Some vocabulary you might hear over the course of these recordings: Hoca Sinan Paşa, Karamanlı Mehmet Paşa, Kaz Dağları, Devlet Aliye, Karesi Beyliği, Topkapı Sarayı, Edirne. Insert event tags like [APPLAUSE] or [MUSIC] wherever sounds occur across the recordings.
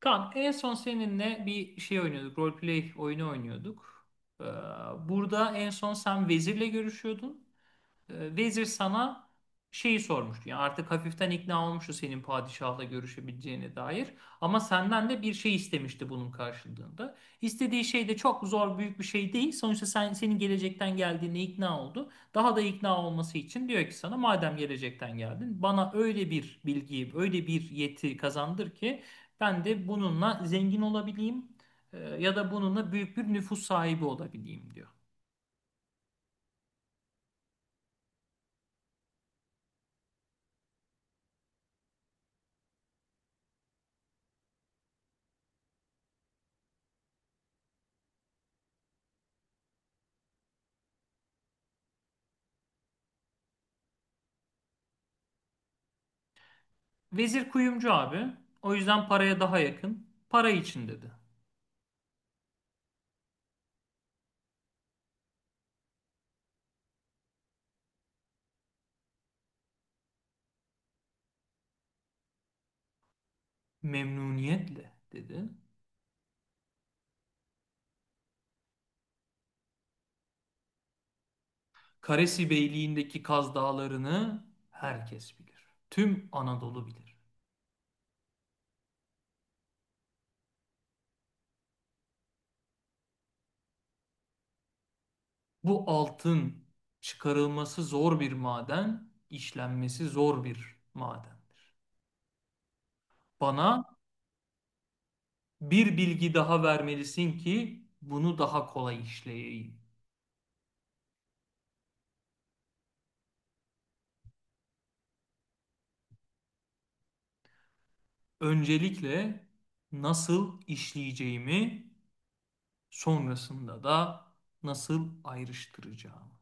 Kaan en son seninle bir şey oynuyorduk. Roleplay oyunu oynuyorduk. Ee, Burada en son sen vezirle görüşüyordun. Vezir sana şeyi sormuştu. Yani artık hafiften ikna olmuştu senin padişahla görüşebileceğine dair. Ama senden de bir şey istemişti bunun karşılığında. İstediği şey de çok zor büyük bir şey değil. Sonuçta senin gelecekten geldiğine ikna oldu. Daha da ikna olması için diyor ki sana madem gelecekten geldin bana öyle bir bilgiyi, öyle bir yeti kazandır ki ben de bununla zengin olabileyim ya da bununla büyük bir nüfus sahibi olabileyim diyor. Vezir kuyumcu abi. O yüzden paraya daha yakın. Para için dedi. Memnuniyetle dedi. Karesi Beyliği'ndeki Kaz Dağları'nı herkes bilir. Tüm Anadolu bilir. Bu altın çıkarılması zor bir maden, işlenmesi zor bir madendir. Bana bir bilgi daha vermelisin ki bunu daha kolay işleyeyim. Öncelikle nasıl işleyeceğimi, sonrasında da nasıl ayrıştıracağımı.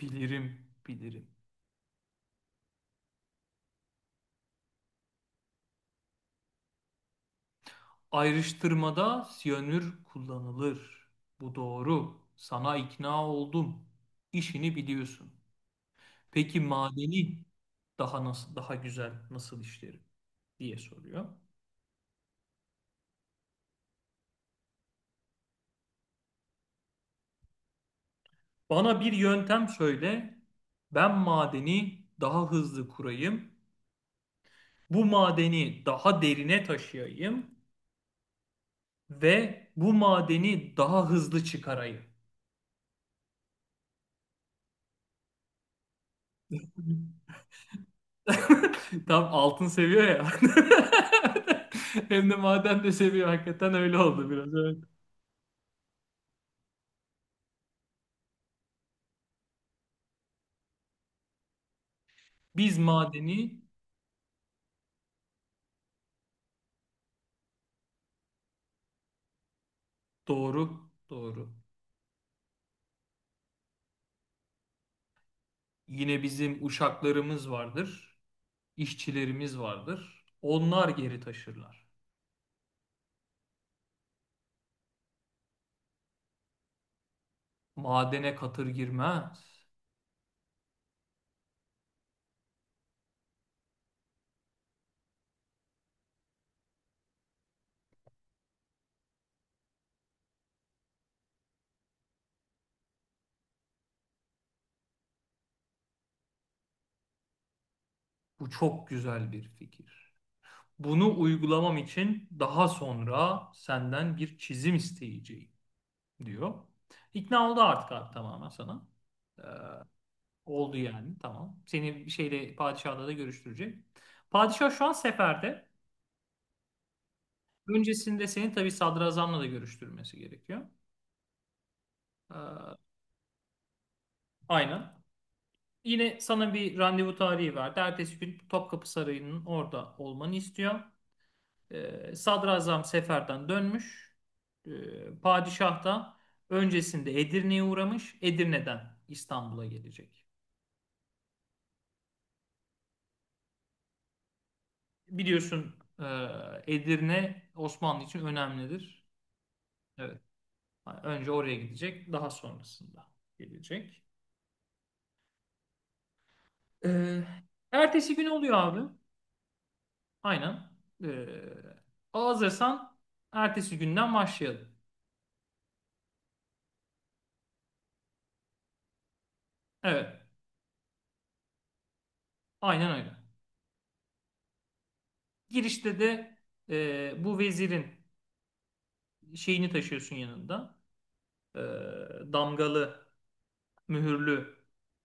Bilirim, bilirim. Ayrıştırmada siyanür kullanılır. Bu doğru. Sana ikna oldum. İşini biliyorsun. Peki madeni daha güzel nasıl işlerim diye soruyor. Bana bir yöntem söyle. Ben madeni daha hızlı kurayım. Bu madeni daha derine taşıyayım ve bu madeni daha hızlı çıkarayım. [LAUGHS] Tam altın seviyor ya. [LAUGHS] Hem de maden de seviyor. Hakikaten öyle oldu biraz. Evet. Biz madeni. Doğru, doğru. Yine bizim uşaklarımız vardır, işçilerimiz vardır. Onlar geri taşırlar. Madene katır girmez. Bu çok güzel bir fikir. Bunu uygulamam için daha sonra senden bir çizim isteyeceğim diyor. İkna oldu artık abi tamamen sana. Oldu yani. Tamam. Seni şeyle padişahla da görüştürecek. Padişah şu an seferde. Öncesinde seni tabii sadrazamla da görüştürmesi gerekiyor. Ee, aynen. Yine sana bir randevu tarihi verdi. Ertesi gün Topkapı Sarayı'nın orada olmanı istiyor. Sadrazam seferden dönmüş. Padişah da öncesinde Edirne'ye uğramış. Edirne'den İstanbul'a gelecek. Biliyorsun e, Edirne Osmanlı için önemlidir. Evet. Önce oraya gidecek, daha sonrasında gelecek. Ee, ertesi gün oluyor abi. Aynen. Ee, hazırsan ertesi günden başlayalım. Evet, aynen öyle. Girişte de bu vezirin şeyini taşıyorsun yanında. Ee, damgalı, mühürlü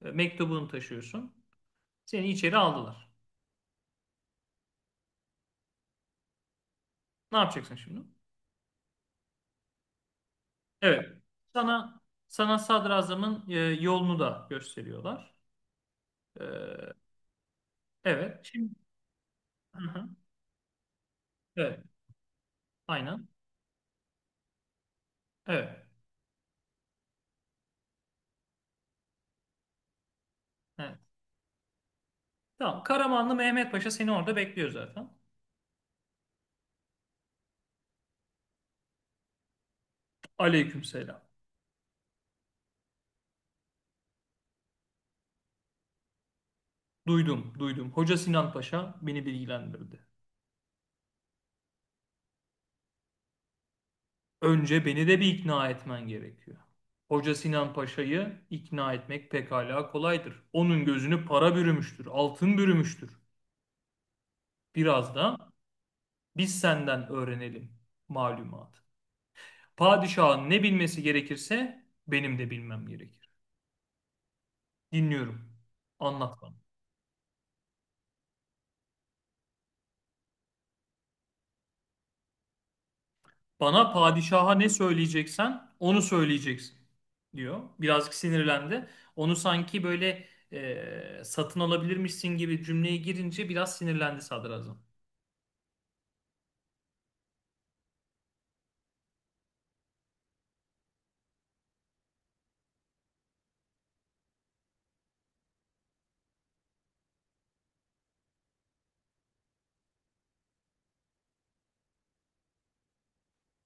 mektubunu taşıyorsun. Seni içeri aldılar. Ne yapacaksın şimdi? Evet. Sana sana sadrazamın yolunu da gösteriyorlar. Ee, evet. Şimdi. Hı hı. Evet. Aynen. Evet. Evet. Tamam. Karamanlı Mehmet Paşa seni orada bekliyor zaten. Aleykümselam. Duydum, duydum. Hoca Sinan Paşa beni bilgilendirdi. Önce beni de bir ikna etmen gerekiyor. Hoca Sinan Paşa'yı ikna etmek pekala kolaydır. Onun gözünü para bürümüştür, altın bürümüştür. Biraz da biz senden öğrenelim malumat. Padişahın ne bilmesi gerekirse benim de bilmem gerekir. Dinliyorum. Anlat bana. Bana padişaha ne söyleyeceksen onu söyleyeceksin diyor. Birazcık sinirlendi. Onu sanki böyle satın alabilirmişsin gibi cümleye girince biraz sinirlendi sadrazam.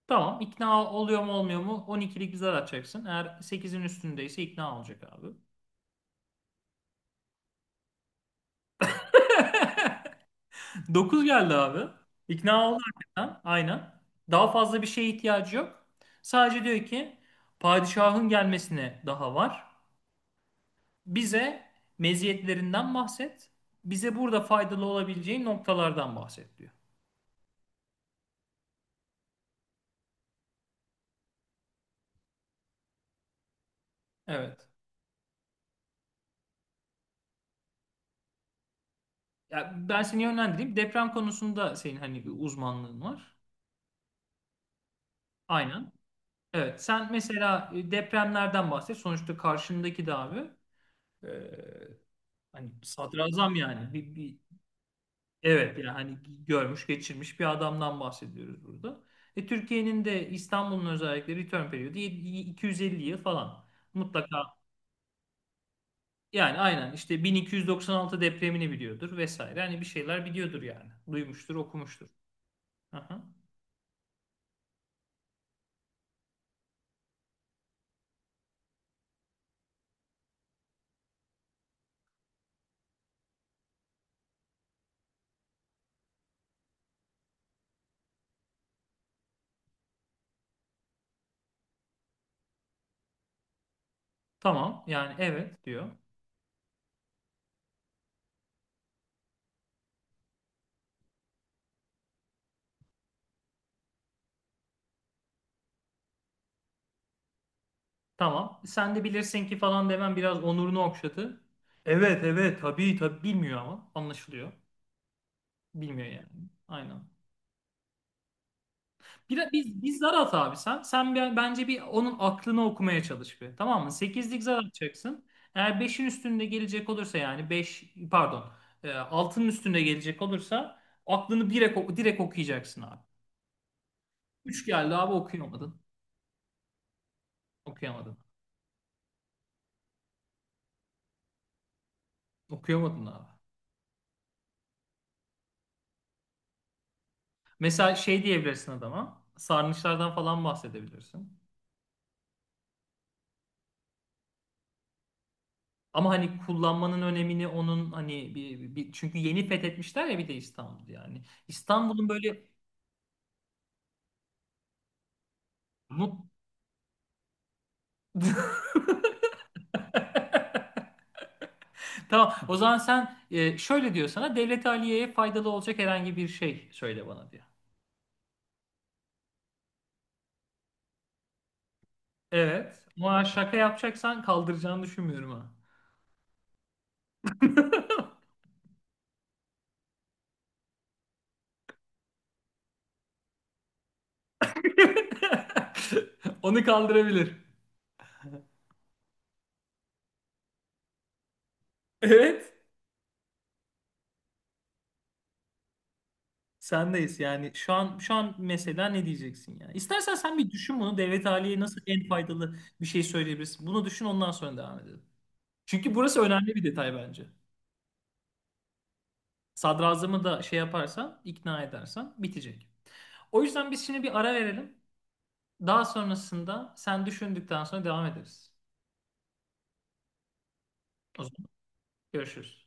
Tamam, ikna oluyor mu olmuyor mu 12'lik bir zar atacaksın. Eğer 8'in üstündeyse ikna olacak abi. [LAUGHS] 9 geldi abi. İkna oldu hakikaten. Aynen. Daha fazla bir şeye ihtiyacı yok. Sadece diyor ki padişahın gelmesine daha var. Bize meziyetlerinden bahset. Bize burada faydalı olabileceği noktalardan bahset diyor. Evet. Ya ben seni yönlendireyim. Deprem konusunda senin hani bir uzmanlığın var. Aynen. Evet. Sen mesela depremlerden bahset. Sonuçta karşındaki de abi e, hani sadrazam yani. Evet yani hani görmüş geçirmiş bir adamdan bahsediyoruz burada. Türkiye'nin de İstanbul'un özellikle return periyodu 7- 250 yıl falan. Mutlaka. Yani aynen işte 1296 depremini biliyordur vesaire. Hani bir şeyler biliyordur yani. Duymuştur, okumuştur. Aha. Tamam yani evet diyor. Tamam sen de bilirsin ki falan demem biraz onurunu okşadı. Evet evet, tabii tabii bilmiyor ama anlaşılıyor. Bilmiyor yani. Aynen. Biz zar at abi sen. Sen bence bir onun aklını okumaya çalış bir. Tamam mı? Sekizlik zar atacaksın. Eğer beşin üstünde gelecek olursa, yani 5 pardon 6'nın üstünde gelecek olursa aklını direkt okuyacaksın abi. Üç geldi abi, okuyamadın. Okuyamadın. Okuyamadın abi. Mesela şey diyebilirsin adama. Sarnıçlardan falan bahsedebilirsin. Ama hani kullanmanın önemini onun hani çünkü yeni fethetmişler ya bir de İstanbul yani. İstanbul'un böyle mut [LAUGHS] [LAUGHS] Tamam. O zaman sen şöyle diyor sana Devlet Aliye'ye faydalı olacak herhangi bir şey söyle bana diyor. Evet. Ama şaka yapacaksan kaldıracağını düşünmüyorum ha. [LAUGHS] Onu kaldırabilir. Evet. Sendeyiz yani. Şu an mesela ne diyeceksin yani? İstersen sen bir düşün bunu. Devlet Aliye'ye nasıl en faydalı bir şey söyleyebilirsin. Bunu düşün, ondan sonra devam edelim. Çünkü burası önemli bir detay bence. Sadrazamı da şey yaparsan, ikna edersen bitecek. O yüzden biz şimdi bir ara verelim. Daha sonrasında sen düşündükten sonra devam ederiz. O zaman görüşürüz.